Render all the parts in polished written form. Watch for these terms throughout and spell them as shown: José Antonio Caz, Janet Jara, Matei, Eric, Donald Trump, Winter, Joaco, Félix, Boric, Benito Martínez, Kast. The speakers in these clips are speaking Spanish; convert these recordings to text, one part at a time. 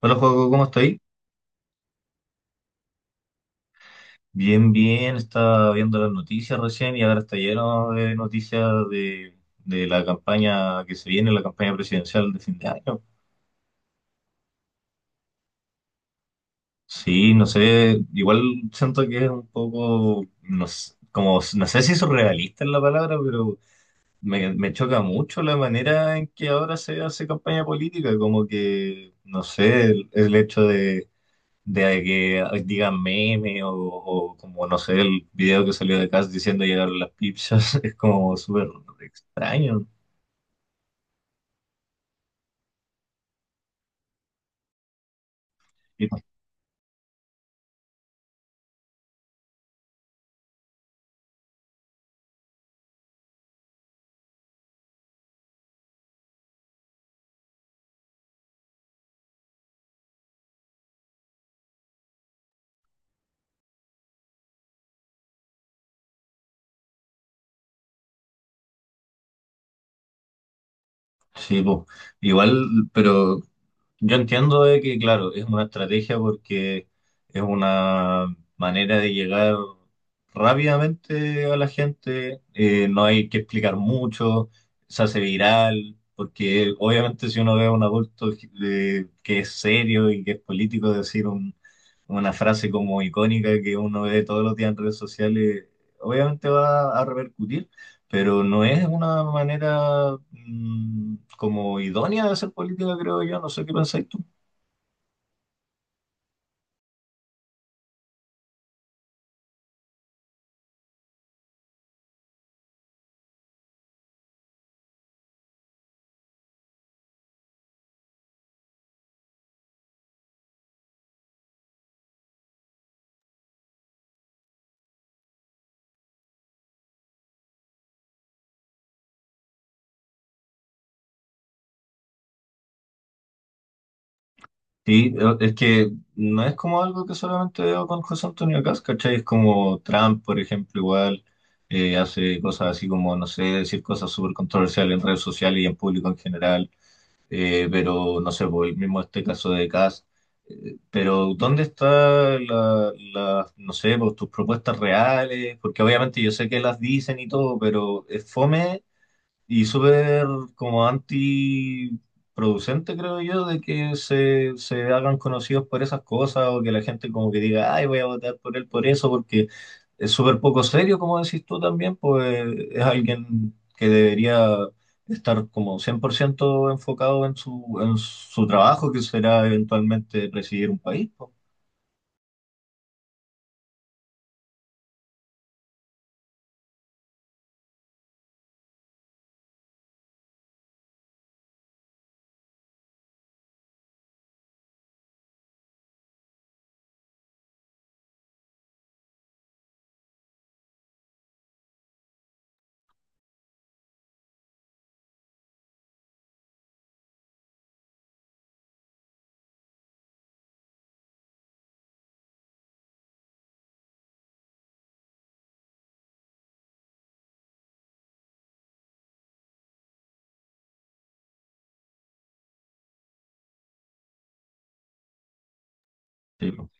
Hola, juego, ¿cómo estáis? Bien, bien, estaba viendo las noticias recién y ahora está lleno de noticias de, de la campaña que se viene, la campaña presidencial de fin de año. Sí, no sé, igual siento que es un poco, no sé, como, no sé si surrealista es la palabra, pero me choca mucho la manera en que ahora se hace campaña política, como que, no sé, el hecho de que digan meme o como, no sé, el video que salió de Cass diciendo llegaron las pizzas, es como súper extraño. Y- Sí, po. Igual, pero yo entiendo de que, claro, es una estrategia porque es una manera de llegar rápidamente a la gente, no hay que explicar mucho, se hace viral, porque obviamente si uno ve a un adulto que es serio y que es político decir una frase como icónica que uno ve todos los días en redes sociales, obviamente va a repercutir, pero no es una manera como idónea de hacer política, creo yo, no sé qué pensáis tú. Sí, es que no es como algo que solamente veo con José Antonio Caz, ¿cachai? Es como Trump, por ejemplo, igual hace cosas así como, no sé, decir cosas súper controversiales en redes sociales y en público en general. Pero no sé, por el mismo este caso de Cass. Pero ¿dónde están no sé, pues, tus propuestas reales? Porque obviamente yo sé que las dicen y todo, pero es fome y súper como antiproducente, creo yo, de que se hagan conocidos por esas cosas o que la gente como que diga, ay, voy a votar por él por eso, porque es súper poco serio, como decís tú también, pues es alguien que debería estar como 100% enfocado en su trabajo, que será eventualmente presidir un país, po. Sí, po.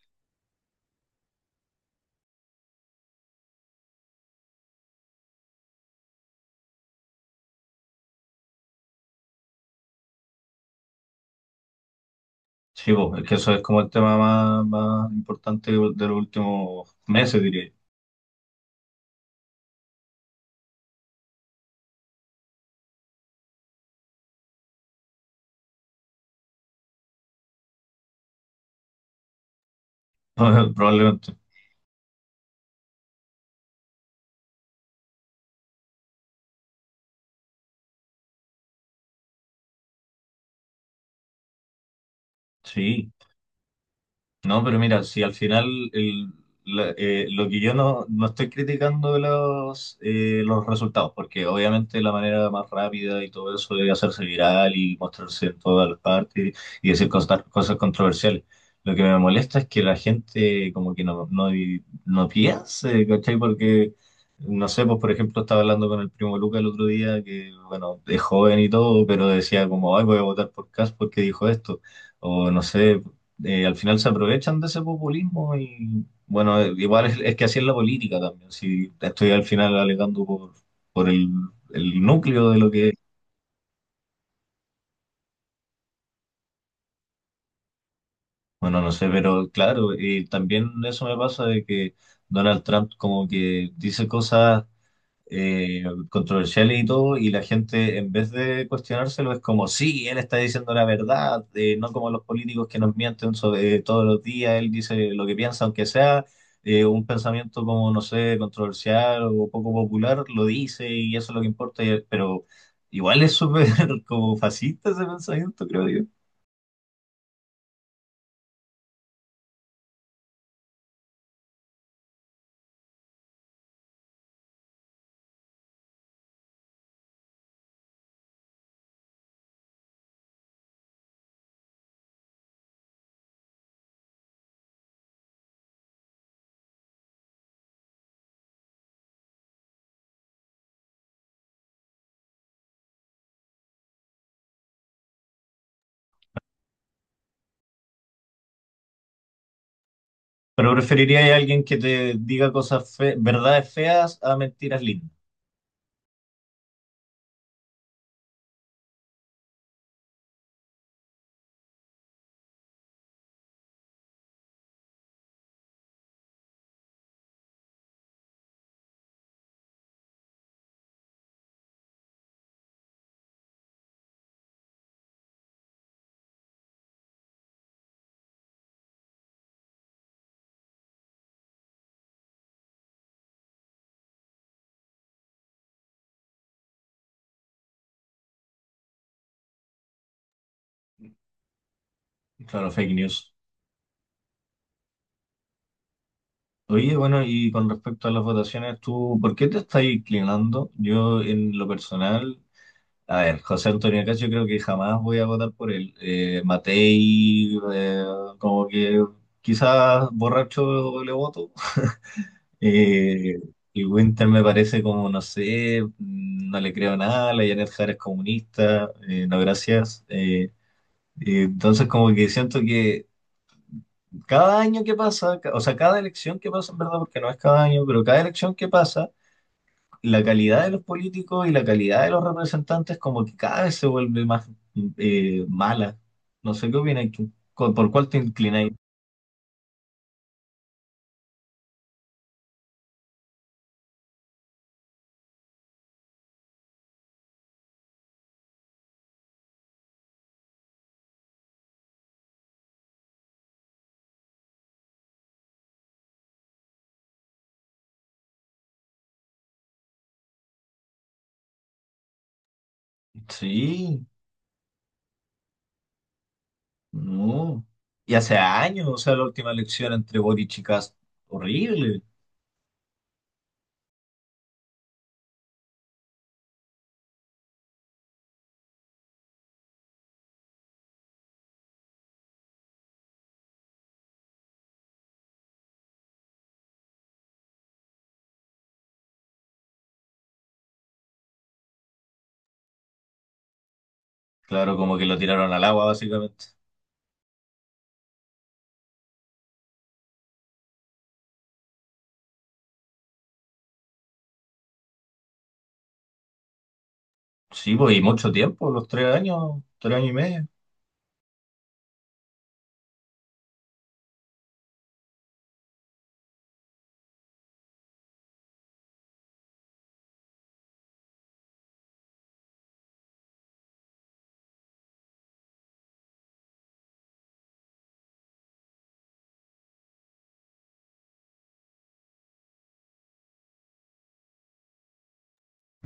Sí, po, es que eso es como el tema más, más importante de los últimos meses, diría yo. Probablemente. Sí. No, pero mira, si al final el- lo que yo no estoy criticando de los resultados, porque obviamente la manera más rápida y todo eso de hacerse viral y mostrarse en todas las partes y decir cosas, cosas controversiales. Lo que me molesta es que la gente como que no piense, ¿cachai? Porque, no sé, pues, por ejemplo, estaba hablando con el primo Luca el otro día, que bueno, es joven y todo, pero decía como, ay, voy a votar por Cas porque dijo esto. O no sé, al final se aprovechan de ese populismo y bueno, igual es que así es la política también. Si estoy al final alegando por el, el núcleo de lo que es, bueno, no sé, pero claro, y también eso me pasa de que Donald Trump como que dice cosas eh, controversiales y todo, y la gente en vez de cuestionárselo es como, sí, él está diciendo la verdad, no como los políticos que nos mienten sobre, todos los días, él dice lo que piensa, aunque sea un pensamiento como, no sé, controversial o poco popular, lo dice y eso es lo que importa, pero igual es súper como fascista ese pensamiento, creo yo. Pero preferiría a alguien que te diga cosas verdades feas a mentiras lindas. Claro, fake news. Oye, bueno, y con respecto a las votaciones, ¿tú por qué te estás inclinando? Yo, en lo personal, a ver, José Antonio Caz, yo creo que jamás voy a votar por él. Matei, como que quizás borracho le voto. Eh, y Winter me parece como, no sé, no le creo nada, la Janet Jara es comunista, no gracias. Y entonces como que siento que cada año que pasa, o sea, cada elección que pasa, en verdad, porque no es cada año, pero cada elección que pasa, la calidad de los políticos y la calidad de los representantes como que cada vez se vuelve más mala. No sé qué opinas tú. ¿Por cuál te inclináis? Sí, no. Y hace años, o sea, la última elección entre Boric y Kast, horrible. Claro, como que lo tiraron al agua, básicamente. Sí, pues, y mucho tiempo, los 3 años, 3 años y medio.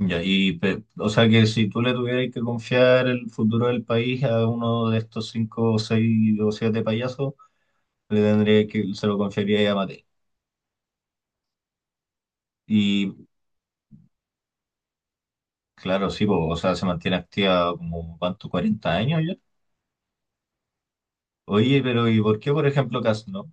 Ya, o sea que si tú le tuvieras que confiar el futuro del país a uno de estos cinco, seis o siete payasos, se lo confiaría a Mate. Y claro, sí, po, o sea, se mantiene activa como, ¿cuánto? ¿40 años ya? Oye, pero ¿y por qué, por ejemplo, Cas no?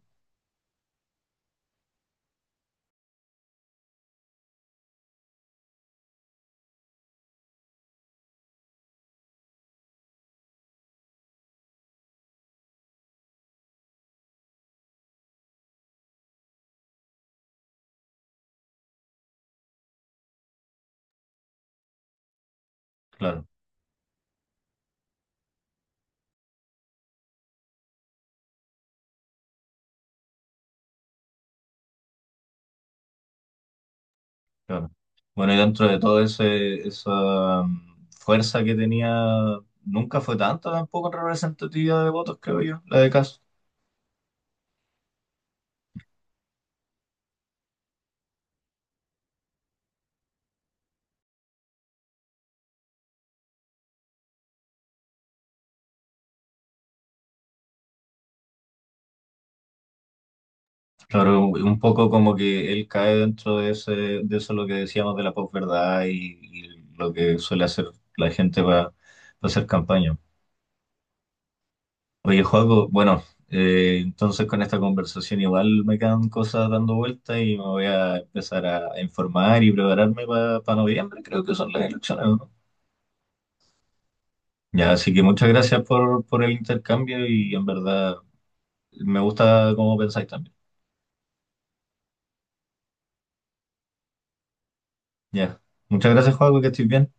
Claro, claro. Bueno, y dentro de todo esa fuerza que tenía, nunca fue tanta tampoco en representatividad de votos, creo yo, la de Cas. Claro, un poco como que él cae dentro de de eso lo que decíamos de la posverdad y lo que suele hacer la gente para hacer campaña. Oye, Joaco, bueno, entonces con esta conversación igual me quedan cosas dando vueltas y me voy a empezar a informar y prepararme para noviembre, creo que son las elecciones, ¿no? Ya, así que muchas gracias por el intercambio y en verdad me gusta cómo pensáis también. Ya, muchas gracias, Joaco, que estés bien.